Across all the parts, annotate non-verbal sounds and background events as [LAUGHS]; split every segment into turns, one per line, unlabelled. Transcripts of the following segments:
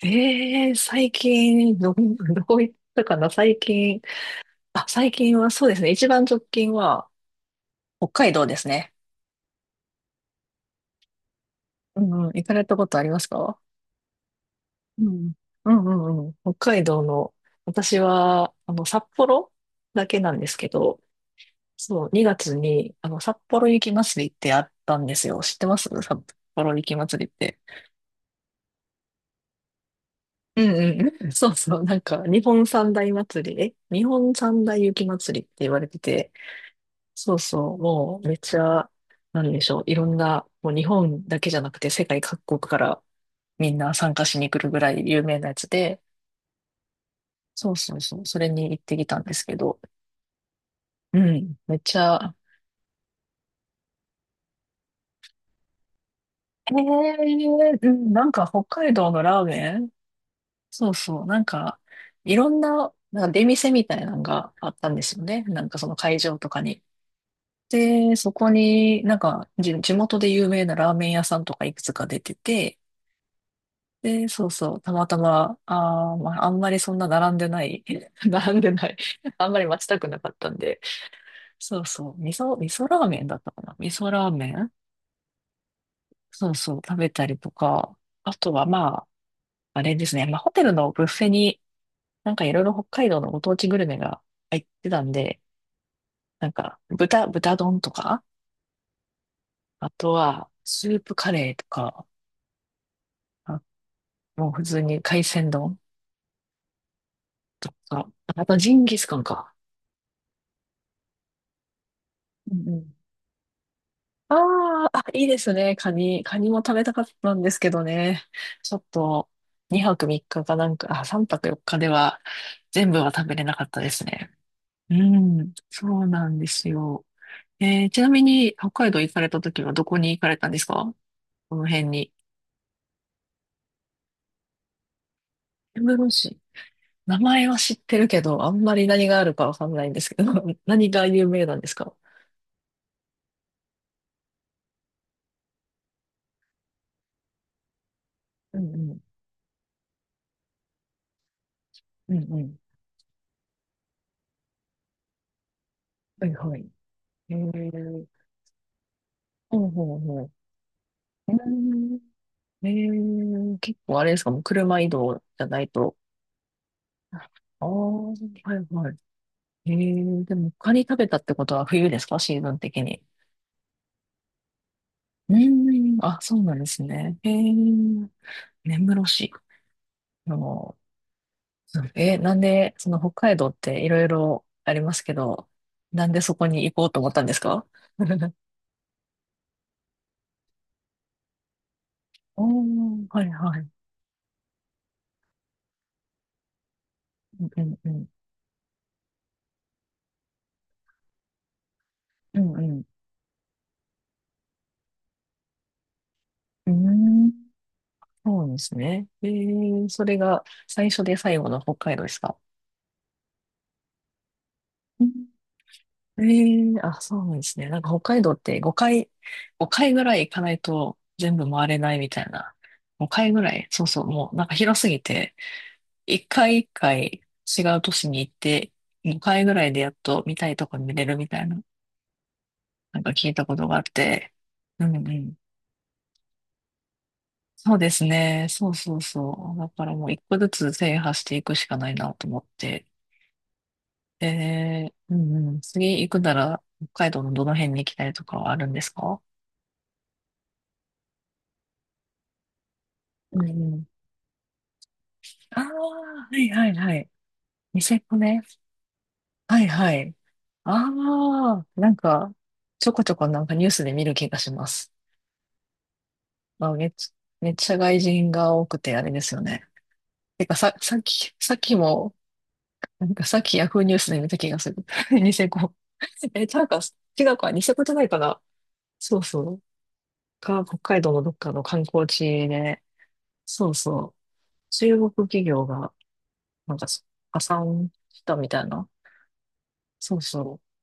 ええ最近、[LAUGHS] どういったかな、最近。あ、最近はそうですね。一番直近は北海道ですね。うんうん、行かれたことありますか？うん。うんうんうん。北海道の、私は、札幌だけなんですけど、そう、2月に、札幌雪まつりってあったんですよ。知ってます札幌雪まつりって？うんうん。そうそう。なんか、日本三大雪まつりって言われてて、そうそう、もうめっちゃ、なんでしょう、いろんな、もう日本だけじゃなくて世界各国からみんな参加しに来るぐらい有名なやつで、そうそうそう、それに行ってきたんですけど、うん、めっちゃ、うん、なんか北海道のラーメンそうそう、なんか、いろんな、なんか出店みたいなのがあったんですよね。なんかその会場とかに。で、そこになんか地元で有名なラーメン屋さんとかいくつか出てて、で、そうそう、たまたま、まあ、あんまりそんな並んでない、[LAUGHS] 並んでない、[LAUGHS] あんまり待ちたくなかったんで、そうそう、味噌ラーメンだったかな味噌ラーメンそうそう、食べたりとか、あとはまあ、あれですね、まあ、ホテルのブッフェに、なんかいろいろ北海道のご当地グルメが入ってたんで、なんか豚丼とか、あとはスープカレーとか、あもう普通に海鮮丼とか、あとジンギスカンか。うんうんああ、あ、いいですね。カニも食べたかったんですけどね。ちょっと、2泊3日かかなんか、あ、3泊4日では全部は食べれなかったですね。うん、そうなんですよ。ちなみに、北海道行かれた時はどこに行かれたんですか？この辺に。根室市。名前は知ってるけど、あんまり何があるかわかんないんですけど、[LAUGHS] 何が有名なんですか？うんうん、うんうん。はいはい。えー、ほうほうほう。うーん、結構あれですか、もう車移動じゃないと？ああ、はいはい。でも、カニ食べたってことは冬ですか、シーズン的に？うーん、あ、そうなんですね。根室市。あの、なんで、その北海道っていろいろありますけど、なんでそこに行こうと思ったんですか？おー、はいはい。うんうん。うんうん。うーん、そうですね。それが最初で最後の北海道ですか？えあ、そうなんですね。なんか北海道って5回、5回ぐらい行かないと全部回れないみたいな。5回ぐらい、そうそう、もうなんか広すぎて、1回1回違う都市に行って、5回ぐらいでやっと見たいとこに見れるみたいな、なんか聞いたことがあって。うんうん。そうですね。そうそうそう。だからもう一個ずつ制覇していくしかないなと思って。で、うんうん。次行くなら北海道のどの辺に行きたいとかはあるんですか？うんうんああ、はいはいはい。ニセコね。はいはい。ああ、なんか、ちょこちょこなんかニュースで見る気がします。まあ、めっちゃ、めっちゃ外人が多くてあれですよね。てかさ、さっきも、なんかさっきヤフーニュースで見た気がする。[LAUGHS] ニセコ。なんか、違うか、ニセコじゃないかな。そうそう。北海道のどっかの観光地で、そうそう。中国企業が、なんか、破産したみたいな。そうそう。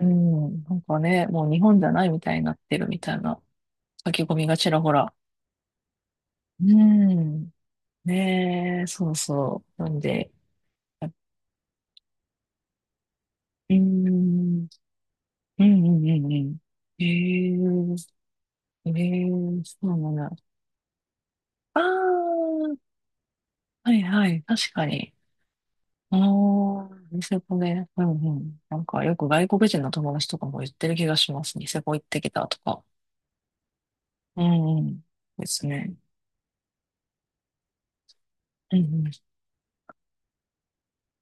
うん、なんかね、もう日本じゃないみたいになってるみたいな書き込みがちらほら。うん。ねえ、そうそう。なんで、うん、うん、うん、うん。うんええ、ええ、そうなんだ。ああ、はいはい、確かに。ああ、ニセコね。うんうん。なんかよく外国人の友達とかも言ってる気がします。ニセコ行ってきたとか。うんうん。ですね。うん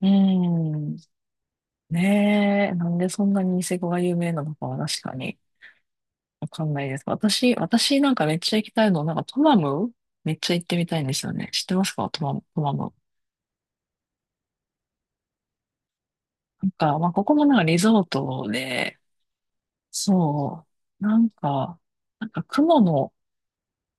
うん。ねえ、なんでそんなにニセコが有名なのかは確かにわかんないです。私なんかめっちゃ行きたいの、なんかトマムめっちゃ行ってみたいんですよね。知ってますかトマム、トマム？なんか、まあ、ここもなんかリゾートで、そう、なんか、なんか雲の、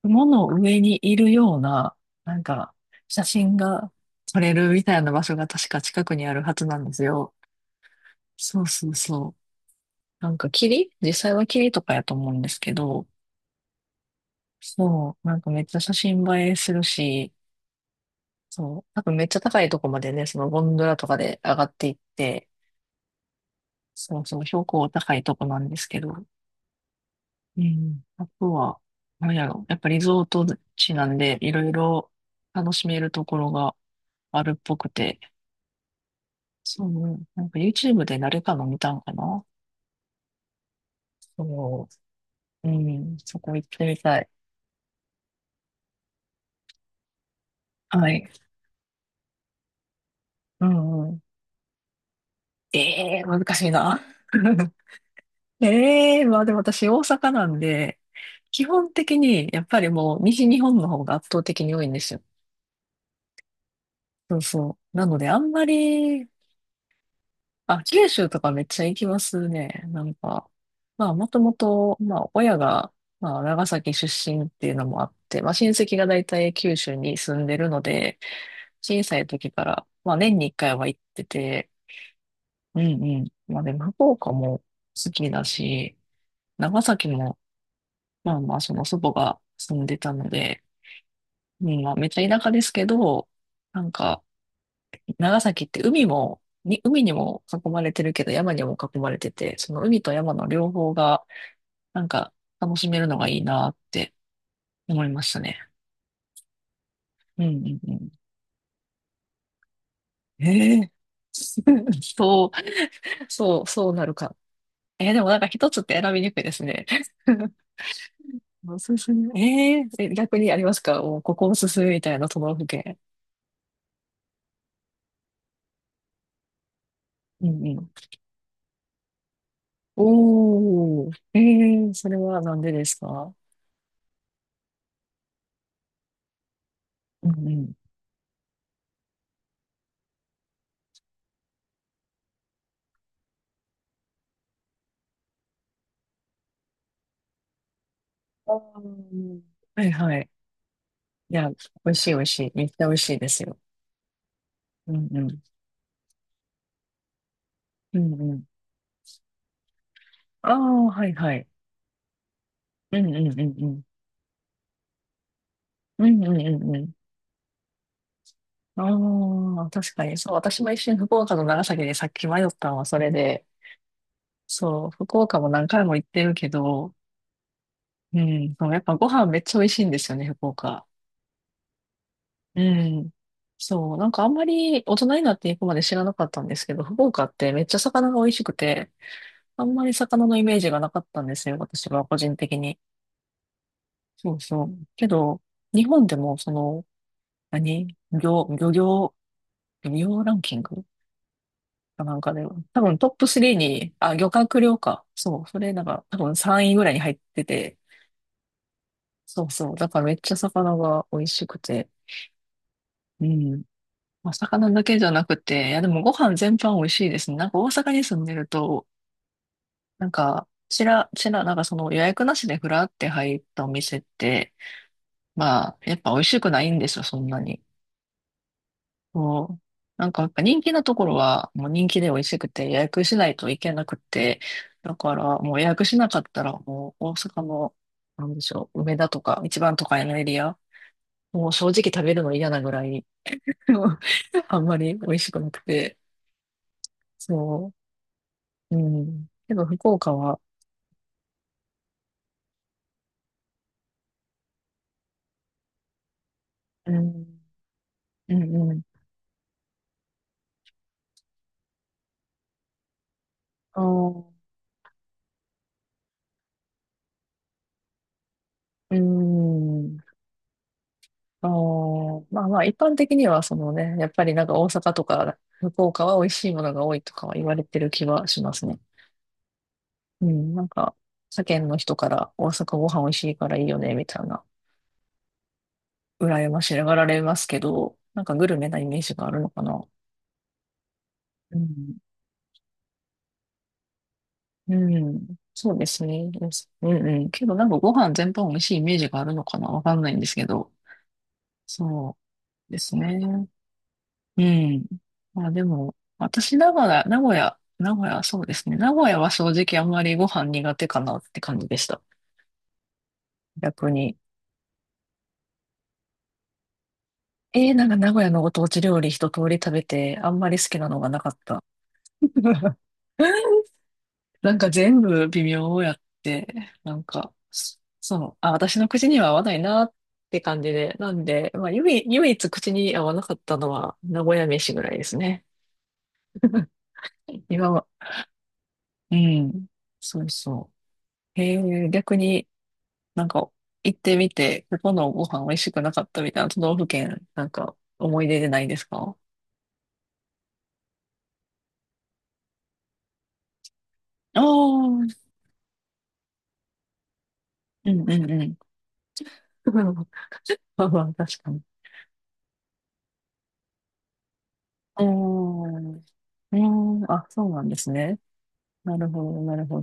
雲の上にいるような、なんか、写真が撮れるみたいな場所が確か近くにあるはずなんですよ。そうそうそう。なんか実際は霧とかやと思うんですけど、そう、なんかめっちゃ写真映えするし、そう、多分めっちゃ高いとこまでね、そのゴンドラとかで上がっていって、そうそう、標高高いとこなんですけど、うん、あとは、なんやろ、やっぱリゾート地なんで、いろいろ楽しめるところがあるっぽくて、そう、なんか YouTube で誰かの見たんかなそう、うん、そこ行ってみたい。はい。うんうん。ええー、難しいな。[LAUGHS] まあでも私大阪なんで、基本的にやっぱりもう西日本の方が圧倒的に多いんですよ。そうそう。なのであんまり、あ、九州とかめっちゃ行きますね。なんか、まあもともと、まあ親が、まあ長崎出身っていうのもあって、まあ親戚が大体九州に住んでるので、小さい時から、まあ年に一回は行ってて、うんうん。まあでも福岡も好きだし、長崎もまあまあ、その祖母が住んでたので、うんまあ、めっちゃ田舎ですけど、なんか、長崎って海にも囲まれてるけど、山にも囲まれてて、その海と山の両方が、なんか、楽しめるのがいいなって思いましたね。うんうんうん。ええ [LAUGHS] そう、そう、そうなるか。でもなんか一つって選びにくいですね。[LAUGHS] おすすめ。えーえ逆にありますかもうここおすすめみたいな都道府県？うんおー、それはなんでですか？うんうん。あーはいはい。いや、美味しい美味しい。めっちゃ美味しいですよ。うんうん。うんうん。ああ、はいはい。うんうんうんうん。うんうんうんうん。ああ、確かに。そう、私も一瞬福岡と長崎でさっき迷ったのはそれで、そう、福岡も何回も行ってるけど、うん、そうやっぱご飯めっちゃ美味しいんですよね、福岡。うん。そう、なんかあんまり大人になっていくまで知らなかったんですけど、福岡ってめっちゃ魚が美味しくて、あんまり魚のイメージがなかったんですよ、私は個人的に。そうそう。けど、日本でもその、何漁、漁業、漁業ランキングかなんかで、多分トップ3に、あ、漁獲量か。そう、それなんか多分3位ぐらいに入ってて、そうそう。だからめっちゃ魚が美味しくて、うん。まあ、魚だけじゃなくて、いや、でもご飯全般美味しいですね。なんか大阪に住んでると、なんか、ちら、ちら、なんかその予約なしでふらって入ったお店って、まあ、やっぱ美味しくないんですよ、そんなに。そう。なんかやっぱ人気なところは、もう人気で美味しくて予約しないといけなくて、だからもう予約しなかったら、もう大阪の、なんでしょう、梅田とか、一番都会のエリア、もう正直食べるの嫌なぐらい、[LAUGHS] あんまり美味しくなくて、そう。うん。けど、福岡は、うん、うん、うん。あーうん。あーまあまあ、一般的には、そのね、やっぱりなんか大阪とか、福岡は美味しいものが多いとかは言われてる気はしますね。うん、なんか、世間の人から大阪ご飯美味しいからいいよね、みたいな、羨ましがられますけど、なんかグルメなイメージがあるのかな。うん。うん。そうですね。ですうんうん。けどなんかご飯全般美味しいイメージがあるのかなわかんないんですけど。そう。ですね。うん。まあでも、私、名古屋、そうですね。名古屋は正直あんまりご飯苦手かなって感じでした。逆に。なんか名古屋のご当地料理一通り食べて、あんまり好きなのがなかった。[LAUGHS] なんか全部微妙やって、なんか、そう、あ、私の口には合わないなって感じで、なんで、まあ、唯一口に合わなかったのは名古屋飯ぐらいですね。[LAUGHS] 今は、うん、そうそう。へえ、逆になんか行ってみて、ここのご飯美味しくなかったみたいな都道府県、なんか思い出でないですか？ああー、うんうんうん。[LAUGHS] まあまあ、確かに。うーん、うーん、あ、そうなんですね。なるほど、なるほど。